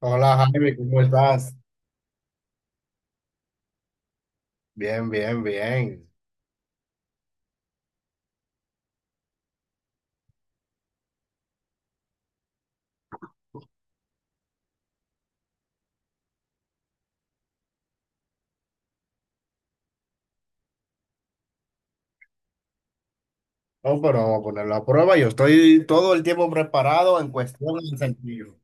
Hola Jaime, ¿cómo estás? Bien, bien, bien. No, pero vamos a ponerlo a prueba. Yo estoy todo el tiempo preparado en cuestión de sentido.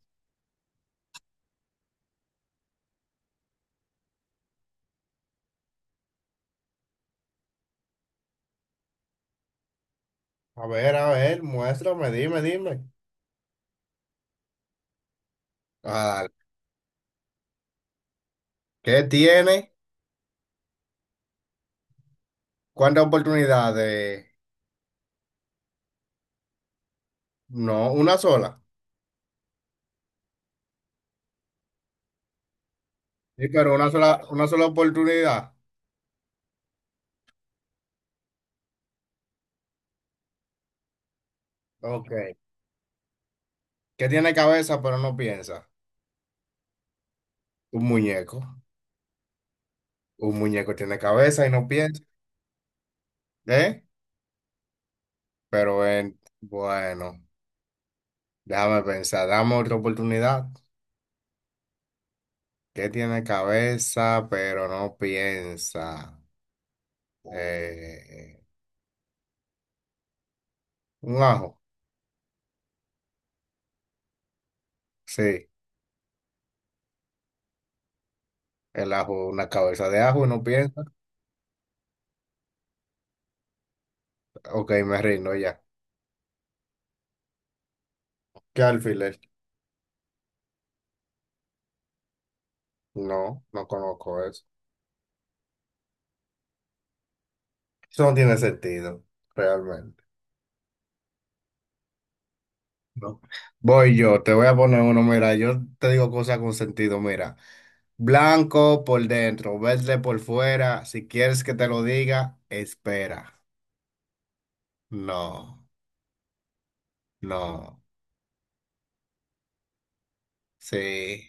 A ver, muéstrame, dime. Ah, dale. ¿Qué tiene? ¿Cuántas oportunidades? No, una sola. Sí, pero una sola oportunidad. Ok. ¿Qué tiene cabeza pero no piensa? Un muñeco. Un muñeco tiene cabeza y no piensa. ¿Eh? Pero bueno, déjame pensar, dame otra oportunidad. ¿Que tiene cabeza pero no piensa? Eh, un ajo, sí, el ajo, una cabeza de ajo y no piensa. Ok, me rindo ya. ¿Qué alfiler? No, no conozco eso. Eso no tiene sentido, realmente. No. Voy yo, te voy a poner uno, mira, yo te digo cosas con sentido, mira. Blanco por dentro, verde por fuera, si quieres que te lo diga, espera. No, no, sí,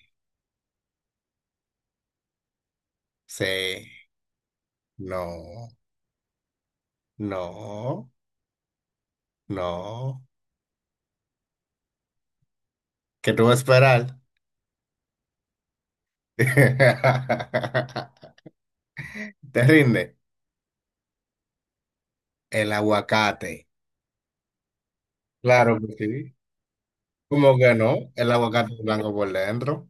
sí. No, no, no. ¿Qué tú vas a esperar? ¿Te rinde? El aguacate. Claro que sí. ¿Cómo que no? El aguacate es blanco por dentro.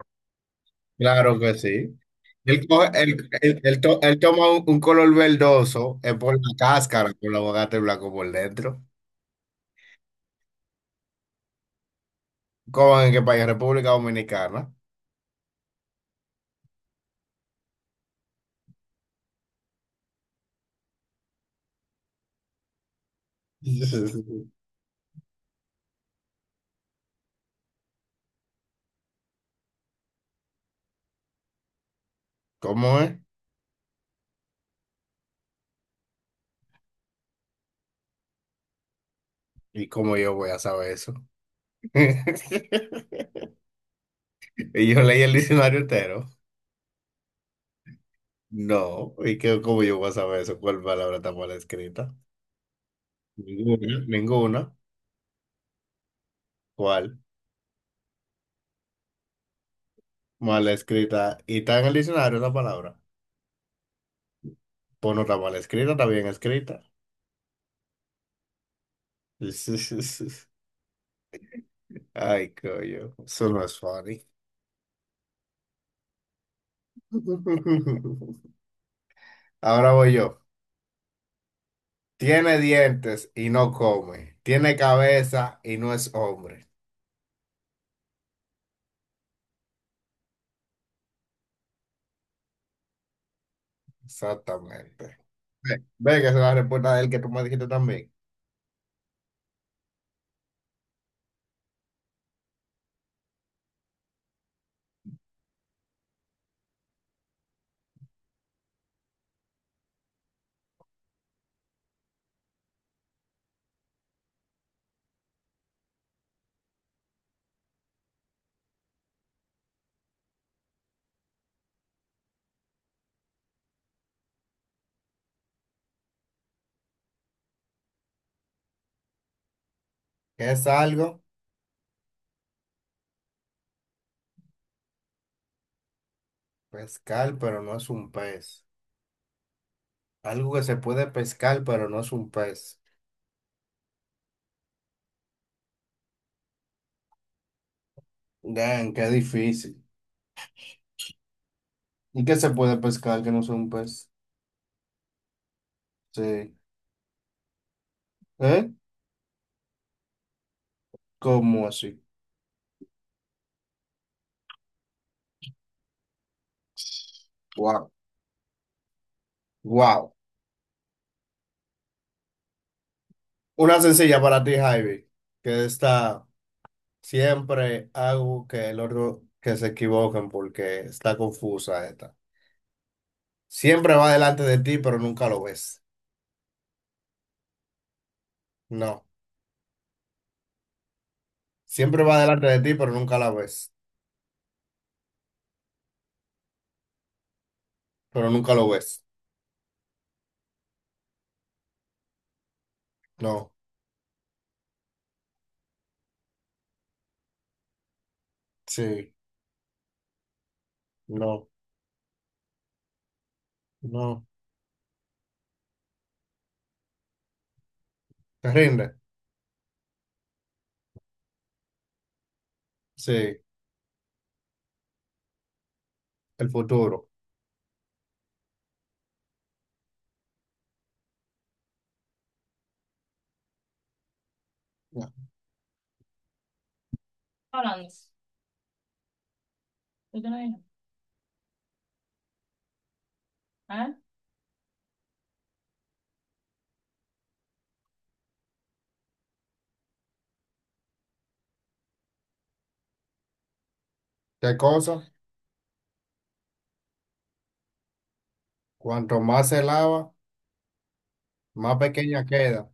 Claro que sí. Él, coge- él- él- él to- él toma un color verdoso, es por la cáscara, por el aguacate blanco por dentro. ¿Cómo en qué país? República Dominicana. ¿Cómo es? ¿Y cómo yo voy a saber eso? Y yo leí el diccionario entero. No, y que cómo yo voy a saber eso, cuál palabra está mal escrita. Ninguna, ninguna. ¿Cuál? Mal escrita. ¿Y está en el diccionario esa palabra? Pues no está mal escrita, está bien escrita. Ay, coño, eso no es funny. Ahora voy yo. Tiene dientes y no come. Tiene cabeza y no es hombre. Exactamente. Ve, ve que esa es la respuesta de él que tú me dijiste también. ¿Qué es algo? Pescar, pero no es un pez. Algo que se puede pescar, pero no es un pez. Dan, qué difícil. ¿Y qué se puede pescar que no sea un pez? Sí. ¿Eh? ¿Cómo así? Wow. Wow. Una sencilla para ti, Javi, que está siempre hago que el otro que se equivoquen porque está confusa esta. Siempre va delante de ti, pero nunca lo ves. No. Siempre va delante de ti, pero nunca la ves. Pero nunca lo ves. No. Sí. No. No, te rinde. Sí, el futuro. Ya. Hablando. ¿Tú te lo dije? ¿Eh? ¿Qué cosa? Cuanto más se lava, más pequeña queda.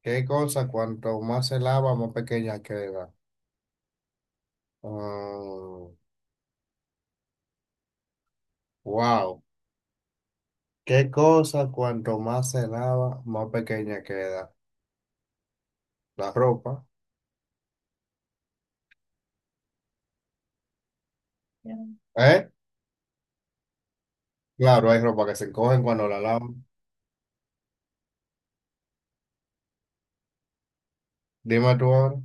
¿Qué cosa? Cuanto más se lava, más pequeña queda. Mm, wow. ¿Qué cosa? Cuanto más se lava, más pequeña queda. La ropa. Ya. ¿Eh? Claro, hay ropa que se encogen cuando la lavan. Dime tú ahora.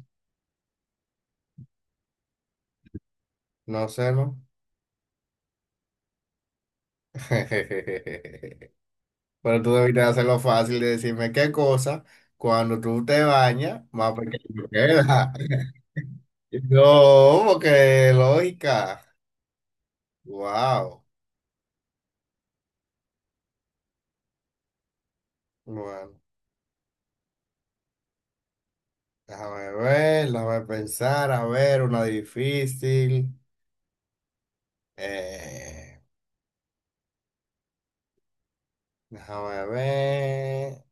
No sé, ¿no? Pero tú debiste hacerlo fácil de decirme qué cosa cuando tú te bañas, más pequeño queda. No, porque lógica. Wow. Bueno, déjame ver, déjame pensar, a ver, una difícil. Eh, déjame ver.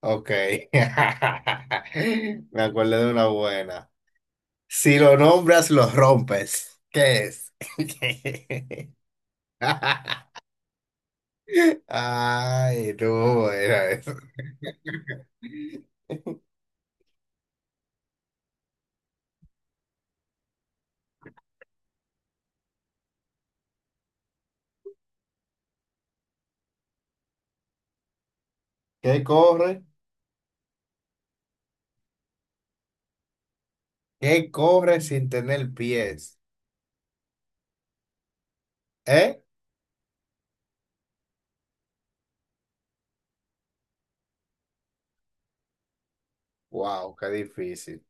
Ok. Me acuerdo de una buena. Si lo nombras, lo rompes. ¿Qué es? Ay, no, era eso. ¿Qué corre? ¿Qué corre sin tener pies? ¿Eh? Wow, qué difícil.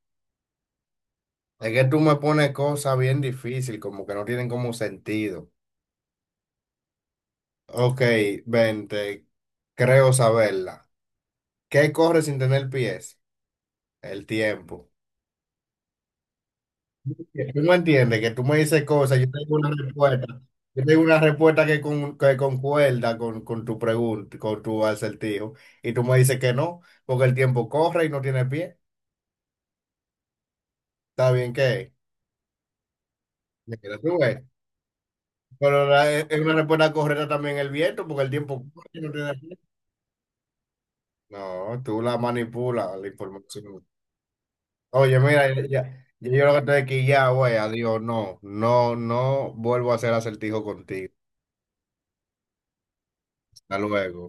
Es que tú me pones cosas bien difíciles, como que no tienen como sentido. Ok, vente, creo saberla. ¿Qué corre sin tener pies? El tiempo. Que tú me entiendes, que tú me dices cosas, yo tengo una respuesta, yo tengo una respuesta que concuerda con tu pregunta, con tu acertijo, y tú me dices que no, porque el tiempo corre y no tiene pie. ¿Está bien que Mira, tú ves? Pero es una respuesta correcta también el viento, porque el tiempo corre y no tiene pie. No, tú la manipulas la información. Oye, mira, ya, ya yo lo que estoy aquí ya, güey, adiós, no, no, no vuelvo a hacer acertijo contigo. Hasta luego.